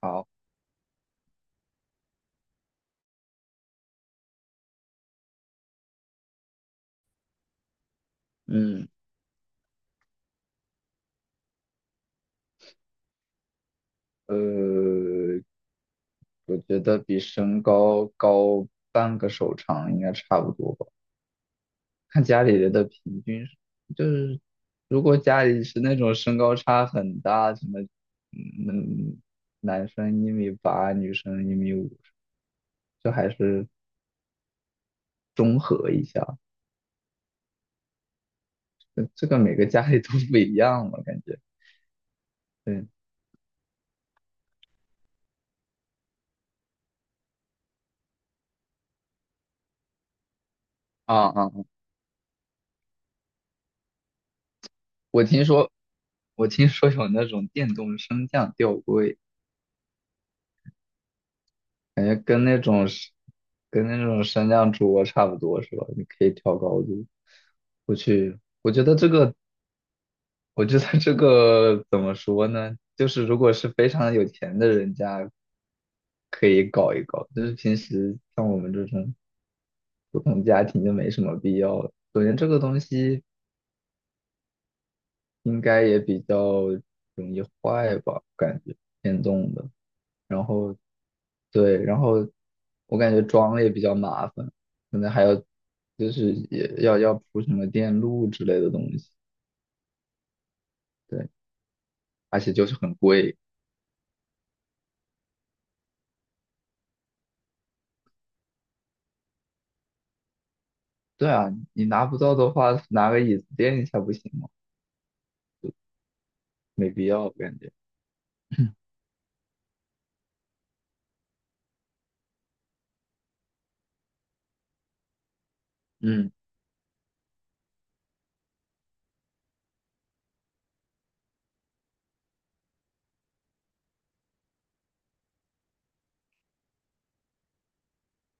好，嗯，呃，我觉得比身高高半个手长应该差不多吧。看家里人的平均就是如果家里是那种身高差很大，什么，嗯，男生1.8米，女生1.5米，就还是中和一下。这个每个家里都不一样嘛，感觉，对。啊啊，啊，我听说，我听说有那种电动升降吊柜。感觉跟那种升降桌差不多是吧？你可以调高度。我去，我觉得这个，我觉得这个怎么说呢？就是如果是非常有钱的人家，可以搞一搞。就是平时像我们这种普通家庭就没什么必要了。首先，这个东西应该也比较容易坏吧，感觉电动的。然后，对，然后我感觉装了也比较麻烦，可能还要，就是也要铺什么电路之类的东西，对，而且就是很贵。对啊，你拿不到的话，拿个椅子垫一下不行吗？没必要，我感觉。嗯。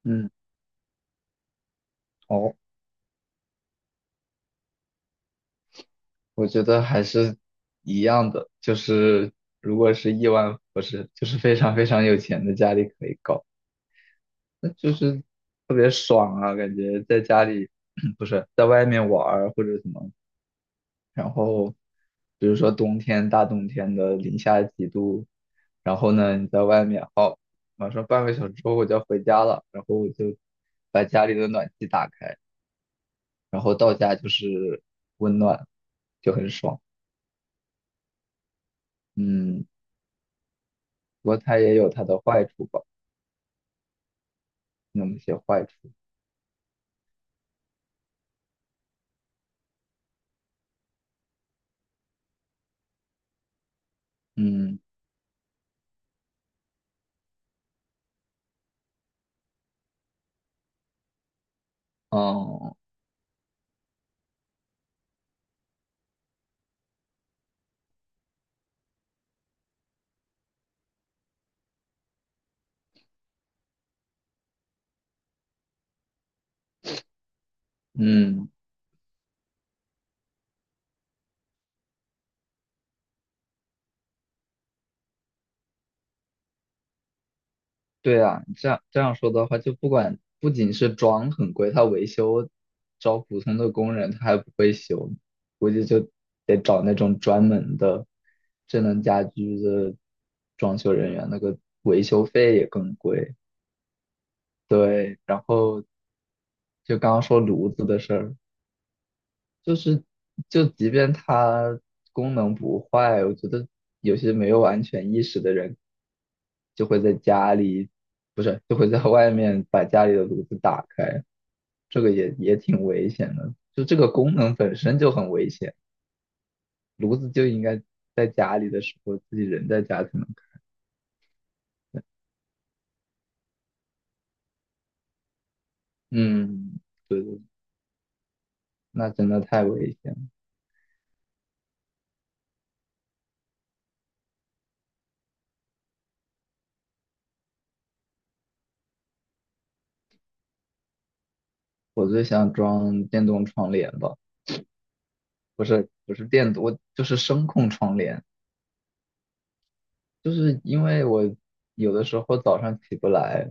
嗯，哦，我觉得还是一样的，就是如果是亿万富翁，不是，就是非常非常有钱的家里可以搞，那就是特别爽啊。感觉在家里 不是在外面玩儿或者什么，然后比如说冬天，大冬天的零下几度，然后呢你在外面，好，马上半个小时之后我就要回家了，然后我就把家里的暖气打开，然后到家就是温暖，就很爽。嗯，不过它也有它的坏处吧，那么些坏处。嗯，哦，嗯。对啊，你这样说的话，就不仅是装很贵，他维修找普通的工人他还不会修，估计就得找那种专门的智能家居的装修人员，那个维修费也更贵。对，然后就刚刚说炉子的事儿，就是就即便它功能不坏，我觉得有些没有安全意识的人就会在家里，不是，就会在外面把家里的炉子打开，这个也挺危险的。就这个功能本身就很危险，炉子就应该在家里的时候自己人在家才能开。嗯，对对，那真的太危险了。我最想装电动窗帘吧，不是，不是电，我就是声控窗帘。就是因为我有的时候早上起不来，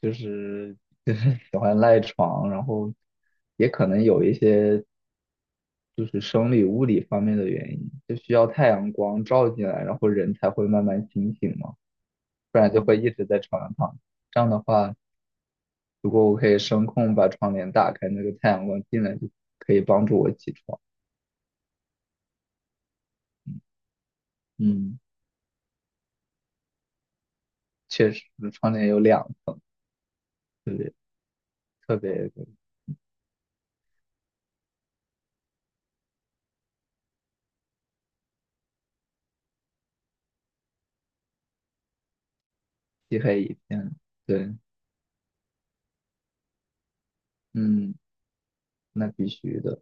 就是 就是喜欢赖床，然后也可能有一些就是生理物理方面的原因，就需要太阳光照进来，然后人才会慢慢清醒嘛，不然就会一直在床上躺着。这样的话，如果我可以声控把窗帘打开，那个太阳光进来就可以帮助我起床。嗯，确实，窗帘有两个，特别特别漆黑一片。对，嗯。那必须的。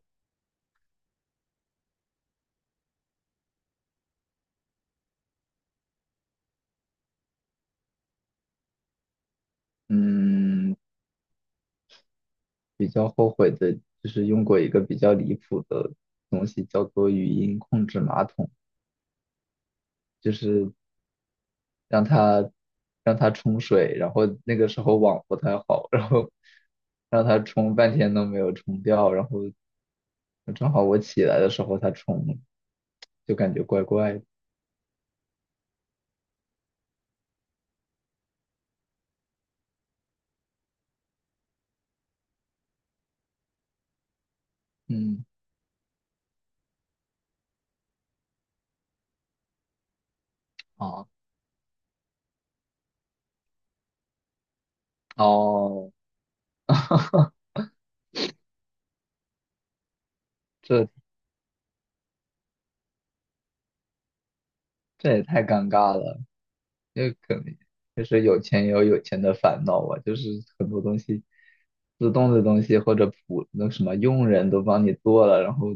嗯，比较后悔的就是用过一个比较离谱的东西，叫做语音控制马桶，就是让它让它冲水，然后那个时候网不太好，然后让它冲半天都没有冲掉，然后正好我起来的时候它冲了，就感觉怪怪的。嗯，哦哦，这这也太尴尬了。这个可能就是有钱也有有钱的烦恼吧，就是很多东西，自动的东西或者普那什么佣人都帮你做了，然后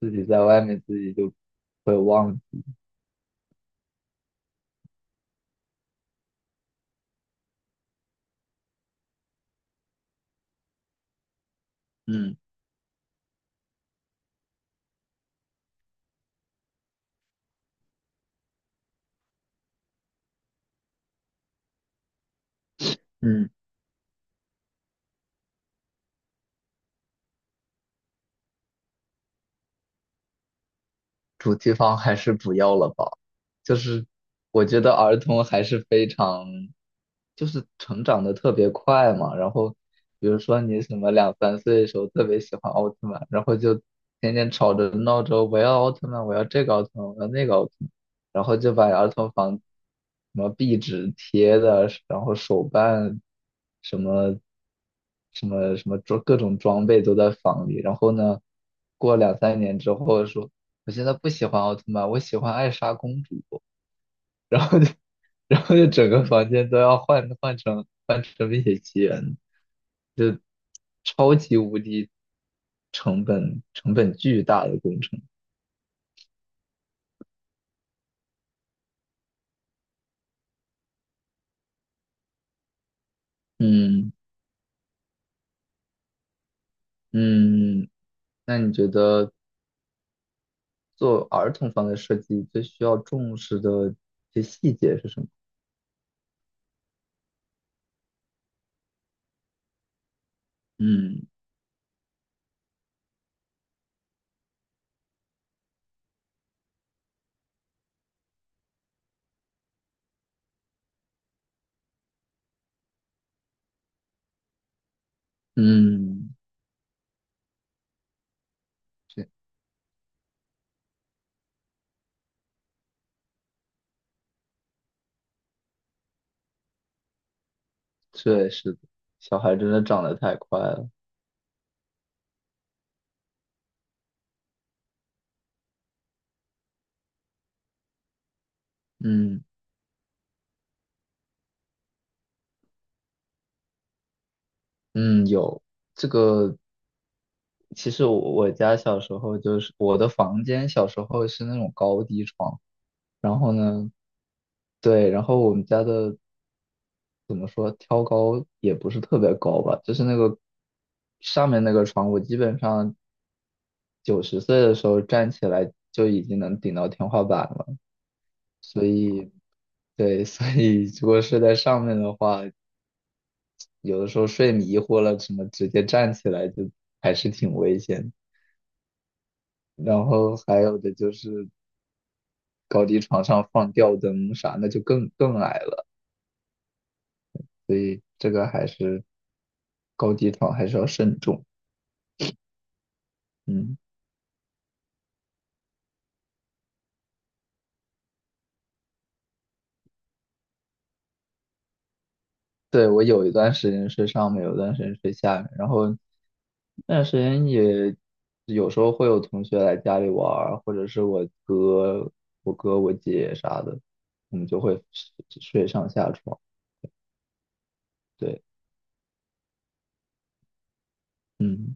自己在外面自己就会忘记，嗯。嗯。主题房还是不要了吧。就是我觉得儿童还是非常，就是成长的特别快嘛。然后比如说你什么两三岁的时候特别喜欢奥特曼，然后就天天吵着闹着我要奥特曼，我要这个奥特曼，我要那个奥特曼，然后就把儿童房什么壁纸贴的，然后手办，什么什么什么装，各种装备都在房里。然后呢，过两三年之后说，我现在不喜欢奥特曼，我喜欢艾莎公主。然后就 然后就整个房间都要换成《冰雪奇缘》，就超级无敌成本巨大的工程。嗯。嗯，那你觉得做儿童房的设计最需要重视的一些细节是什么？嗯。嗯，这这也是的，小孩真的长得太快了。嗯。嗯，有这个，其实我家小时候就是我的房间，小时候是那种高低床，然后呢，对，然后我们家的怎么说，挑高也不是特别高吧，就是那个上面那个床，我基本上9、10岁的时候站起来就已经能顶到天花板了，所以对，所以如果睡在上面的话，有的时候睡迷糊了，什么直接站起来，就还是挺危险的，然后还有的就是高低床上放吊灯啥，那就更矮了。所以这个还是高低床还是要慎重。嗯，对，我有一段时间睡上面，有一段时间睡下面，然后那段时间也有时候会有同学来家里玩儿或者是我哥、我姐啥的，我们就会睡上下床。对，嗯。